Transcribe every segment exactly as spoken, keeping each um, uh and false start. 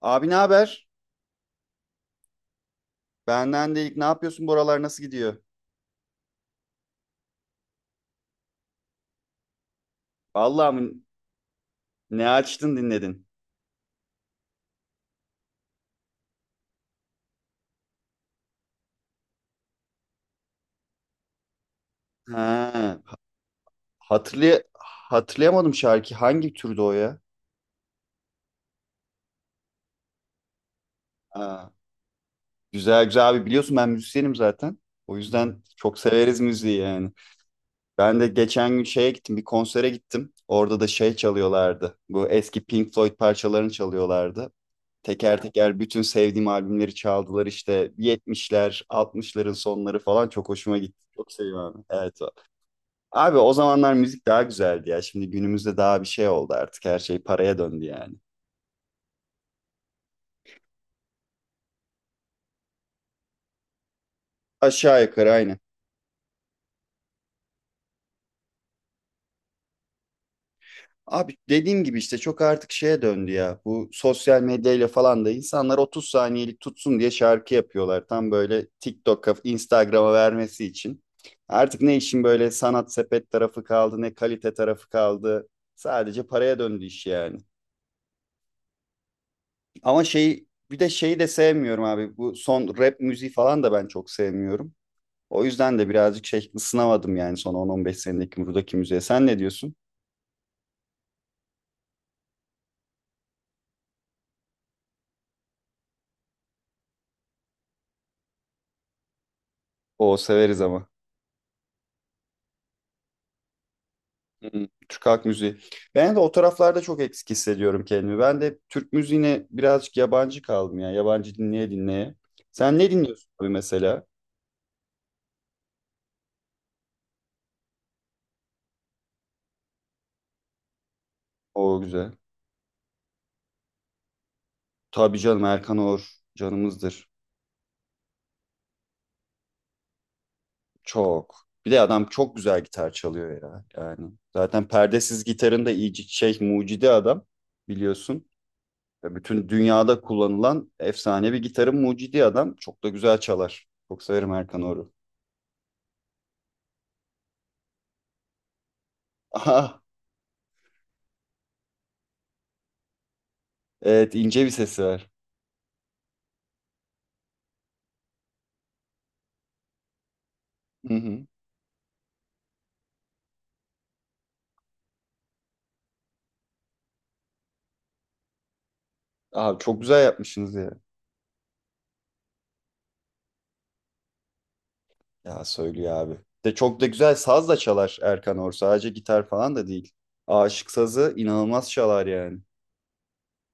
Abi, ne haber? Benden de, ne yapıyorsun buralar nasıl gidiyor? Allah'ım, ne açtın dinledin. Ha, hatırlay hatırlayamadım, şarkı hangi türde o ya? Ha, güzel güzel. Abi, biliyorsun ben müzisyenim zaten. O yüzden çok severiz müziği yani. Ben de geçen gün şeye gittim, bir konsere gittim. Orada da şey çalıyorlardı, bu eski Pink Floyd parçalarını çalıyorlardı. Teker teker bütün sevdiğim albümleri çaldılar işte yetmişler, altmışların sonları falan, çok hoşuma gitti. Çok seviyorum abi. Evet. Abi, o zamanlar müzik daha güzeldi ya. Şimdi günümüzde daha bir şey oldu artık. Her şey paraya döndü yani. Aşağı yukarı aynı. Abi, dediğim gibi işte çok artık şeye döndü ya. Bu sosyal medyayla falan da insanlar otuz saniyelik tutsun diye şarkı yapıyorlar. Tam böyle TikTok'a, Instagram'a vermesi için. Artık ne işin böyle sanat sepet tarafı kaldı, ne kalite tarafı kaldı. Sadece paraya döndü iş yani. Ama şey, bir de şeyi de sevmiyorum abi. Bu son rap müziği falan da ben çok sevmiyorum. O yüzden de birazcık şey ısınamadım yani son on on beş senedeki buradaki müziğe. Sen ne diyorsun? O severiz ama. Hmm, Türk halk müziği. Ben de o taraflarda çok eksik hissediyorum kendimi. Ben de Türk müziğine birazcık yabancı kaldım ya, yabancı dinleye dinleye. Sen ne dinliyorsun abi mesela? O güzel. Tabii canım, Erkan Oğur canımızdır. Çok. Bir de adam çok güzel gitar çalıyor ya yani. Zaten perdesiz gitarın da iyice şey mucidi adam, biliyorsun. Ve bütün dünyada kullanılan efsanevi gitarın mucidi adam. Çok da güzel çalar. Çok severim Erkan Oru. Aha, evet, ince bir sesi var. Hı hı. Abi, çok güzel yapmışsınız ya. Ya söylüyor abi. De çok da güzel saz da çalar Erkan Or, sadece gitar falan da değil. Aşık sazı inanılmaz çalar yani.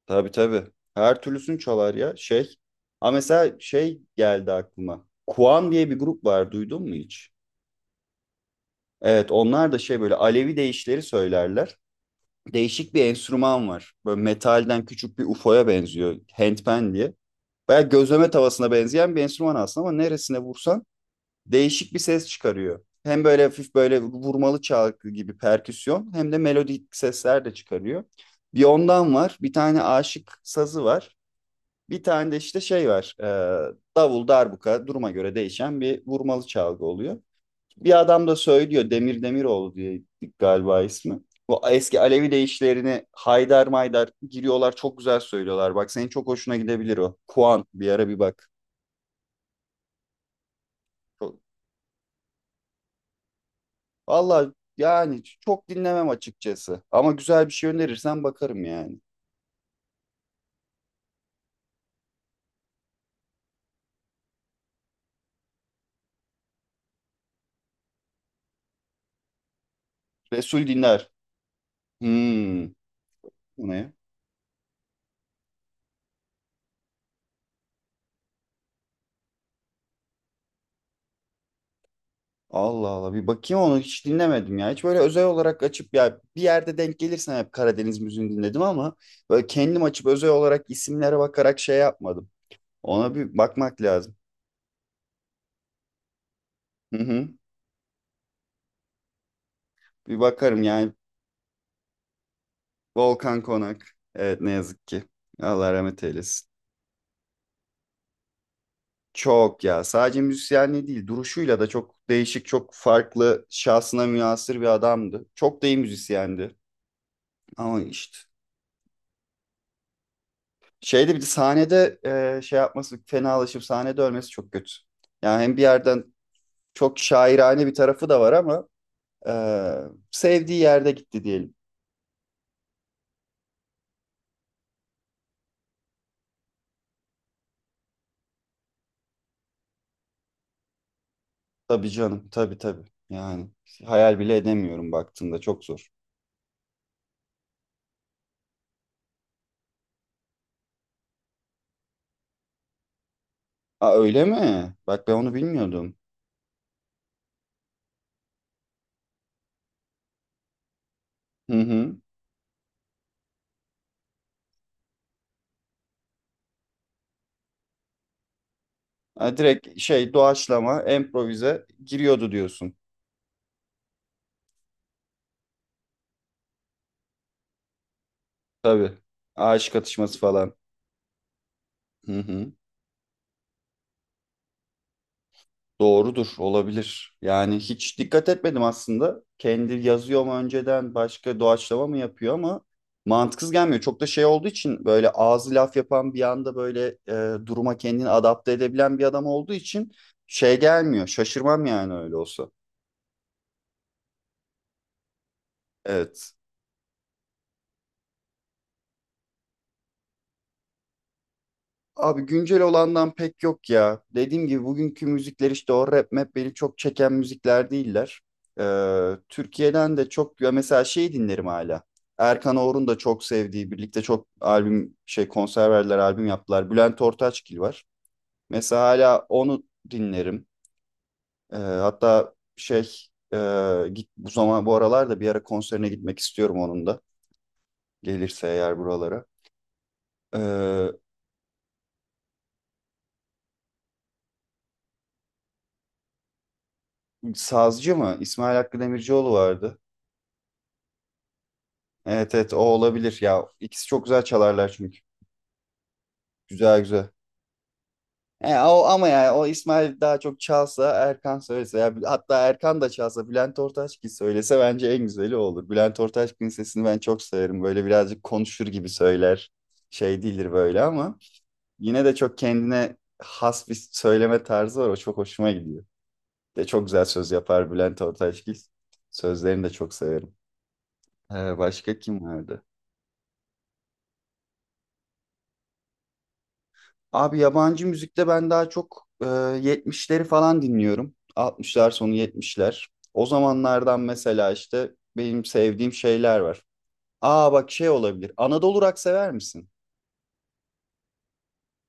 Tabii tabii. Her türlüsünü çalar ya. Şey. Ha, mesela şey geldi aklıma. Kuan diye bir grup var. Duydun mu hiç? Evet, onlar da şey, böyle Alevi deyişleri söylerler. Değişik bir enstrüman var. Böyle metalden küçük bir UFO'ya benziyor, Handpan diye. Bayağı gözleme tavasına benzeyen bir enstrüman aslında, ama neresine vursan değişik bir ses çıkarıyor. Hem böyle hafif, böyle vurmalı çalgı gibi perküsyon, hem de melodik sesler de çıkarıyor. Bir ondan var, bir tane aşık sazı var. Bir tane de işte şey var, e, davul, darbuka, duruma göre değişen bir vurmalı çalgı oluyor. Bir adam da söylüyor, Demir Demiroğlu diye galiba ismi. Bu eski Alevi deyişlerini haydar maydar giriyorlar, çok güzel söylüyorlar. Bak, senin çok hoşuna gidebilir o. Kuan, bir ara bir bak. Çok, valla yani çok dinlemem açıkçası. Ama güzel bir şey önerirsen bakarım yani. Resul Dinler. Hmm, bu ne? Allah Allah, bir bakayım, onu hiç dinlemedim ya. Hiç böyle özel olarak açıp, ya bir yerde denk gelirsen hep Karadeniz müziğini dinledim ama böyle kendim açıp özel olarak isimlere bakarak şey yapmadım. Ona bir bakmak lazım. Hı hı. Bir bakarım yani. Volkan Konak. Evet, ne yazık ki. Allah rahmet eylesin. Çok ya, sadece müzisyenliği değil, duruşuyla da çok değişik, çok farklı, şahsına münhasır bir adamdı. Çok da iyi müzisyendi. Ama işte şeyde, bir de sahnede e, şey yapması, fenalaşıp sahnede ölmesi çok kötü. Yani hem bir yerden çok şairane bir tarafı da var, ama e, sevdiği yerde gitti diyelim. Tabii canım, tabii tabii. Yani hayal bile edemiyorum, baktığında çok zor. Aa, öyle mi? Bak, ben onu bilmiyordum. Hı hı. Ha, direkt şey, doğaçlama, improvize giriyordu diyorsun. Tabii. Ağaç katışması falan. Hı hı. Doğrudur, olabilir. Yani hiç dikkat etmedim aslında. Kendi yazıyor mu önceden, başka doğaçlama mı yapıyor, ama mantıksız gelmiyor. Çok da şey olduğu için, böyle ağzı laf yapan, bir anda böyle e, duruma kendini adapte edebilen bir adam olduğu için şey gelmiyor. Şaşırmam yani öyle olsa. Evet. Abi, güncel olandan pek yok ya. Dediğim gibi bugünkü müzikler, işte o rap map, beni çok çeken müzikler değiller. Ee, Türkiye'den de çok ya, mesela şey dinlerim hala. Erkan Oğur'un da çok sevdiği, birlikte çok albüm şey, konser verdiler, albüm yaptılar. Bülent Ortaçgil var. Mesela hala onu dinlerim. Ee, hatta şey, e, git bu zaman, bu aralar da bir ara konserine gitmek istiyorum onun da. Gelirse eğer buralara. Ee, sazcı mı? İsmail Hakkı Demircioğlu vardı. Evet evet, o olabilir ya. İkisi çok güzel çalarlar çünkü. Güzel güzel. E, o, ama yani o İsmail daha çok çalsa, Erkan söylese, ya hatta Erkan da çalsa Bülent Ortaçgil söylese, bence en güzeli o olur. Bülent Ortaçgil'in sesini ben çok severim. Böyle birazcık konuşur gibi söyler. Şey değildir böyle, ama yine de çok kendine has bir söyleme tarzı var. O çok hoşuma gidiyor. Bir de çok güzel söz yapar Bülent Ortaçgil. Sözlerini de çok severim. Ee, başka kim vardı? Abi, yabancı müzikte ben daha çok e, yetmişleri falan dinliyorum. altmışlar sonu, yetmişler. O zamanlardan mesela işte benim sevdiğim şeyler var. Aa bak, şey olabilir. Anadolu Rock sever misin?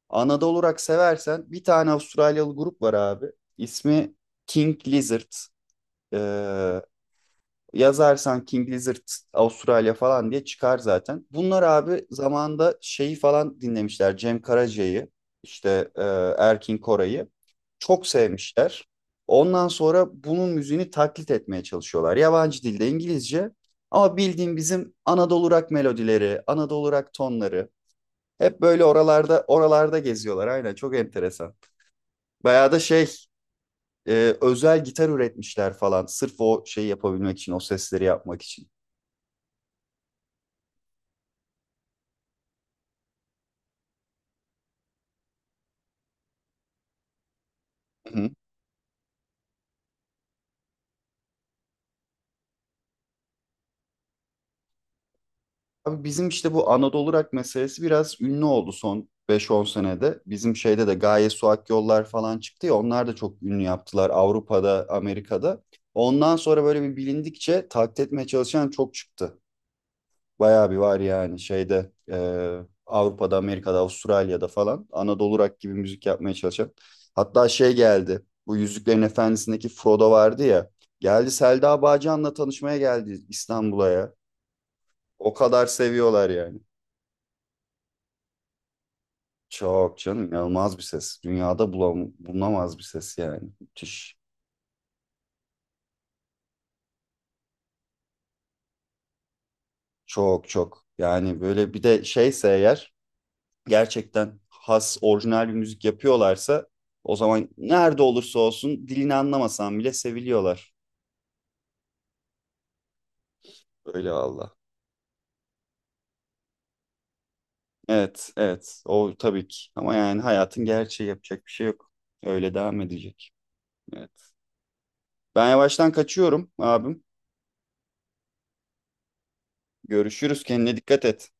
Anadolu Rock seversen, bir tane Avustralyalı grup var abi. İsmi King Lizard. E, Yazarsan King Lizard Avustralya falan diye çıkar zaten. Bunlar abi zamanda şeyi falan dinlemişler. Cem Karaca'yı, işte e, Erkin Koray'ı çok sevmişler. Ondan sonra bunun müziğini taklit etmeye çalışıyorlar. Yabancı dilde, İngilizce, ama bildiğim bizim Anadolu rock melodileri, Anadolu rock tonları, hep böyle oralarda oralarda geziyorlar. Aynen, çok enteresan. Bayağı da şey, e, özel gitar üretmişler falan, sırf o şeyi yapabilmek için, o sesleri yapmak için. Hı. Abi, bizim işte bu Anadolu rock meselesi biraz ünlü oldu son beş on senede. Bizim şeyde de Gaye Suak Yollar falan çıktı ya, onlar da çok ünlü yaptılar Avrupa'da, Amerika'da. Ondan sonra böyle bir bilindikçe taklit etmeye çalışan çok çıktı. Bayağı bir var yani şeyde, e, Avrupa'da, Amerika'da, Avustralya'da falan Anadolu rock gibi müzik yapmaya çalışan. Hatta şey geldi, bu Yüzüklerin Efendisi'ndeki Frodo vardı ya, geldi Selda Bağcan'la tanışmaya geldi İstanbul'a ya. O kadar seviyorlar yani. Çok canım, inanılmaz bir ses. Dünyada bulam bulunamaz bir ses yani. Müthiş. Çok çok. Yani böyle, bir de şeyse eğer gerçekten has orijinal bir müzik yapıyorlarsa, o zaman nerede olursa olsun, dilini anlamasan bile seviliyorlar. Öyle valla. Evet evet, o tabii ki. Ama yani hayatın gerçeği, yapacak bir şey yok. Öyle devam edecek. Evet. Ben yavaştan kaçıyorum abim. Görüşürüz, kendine dikkat et.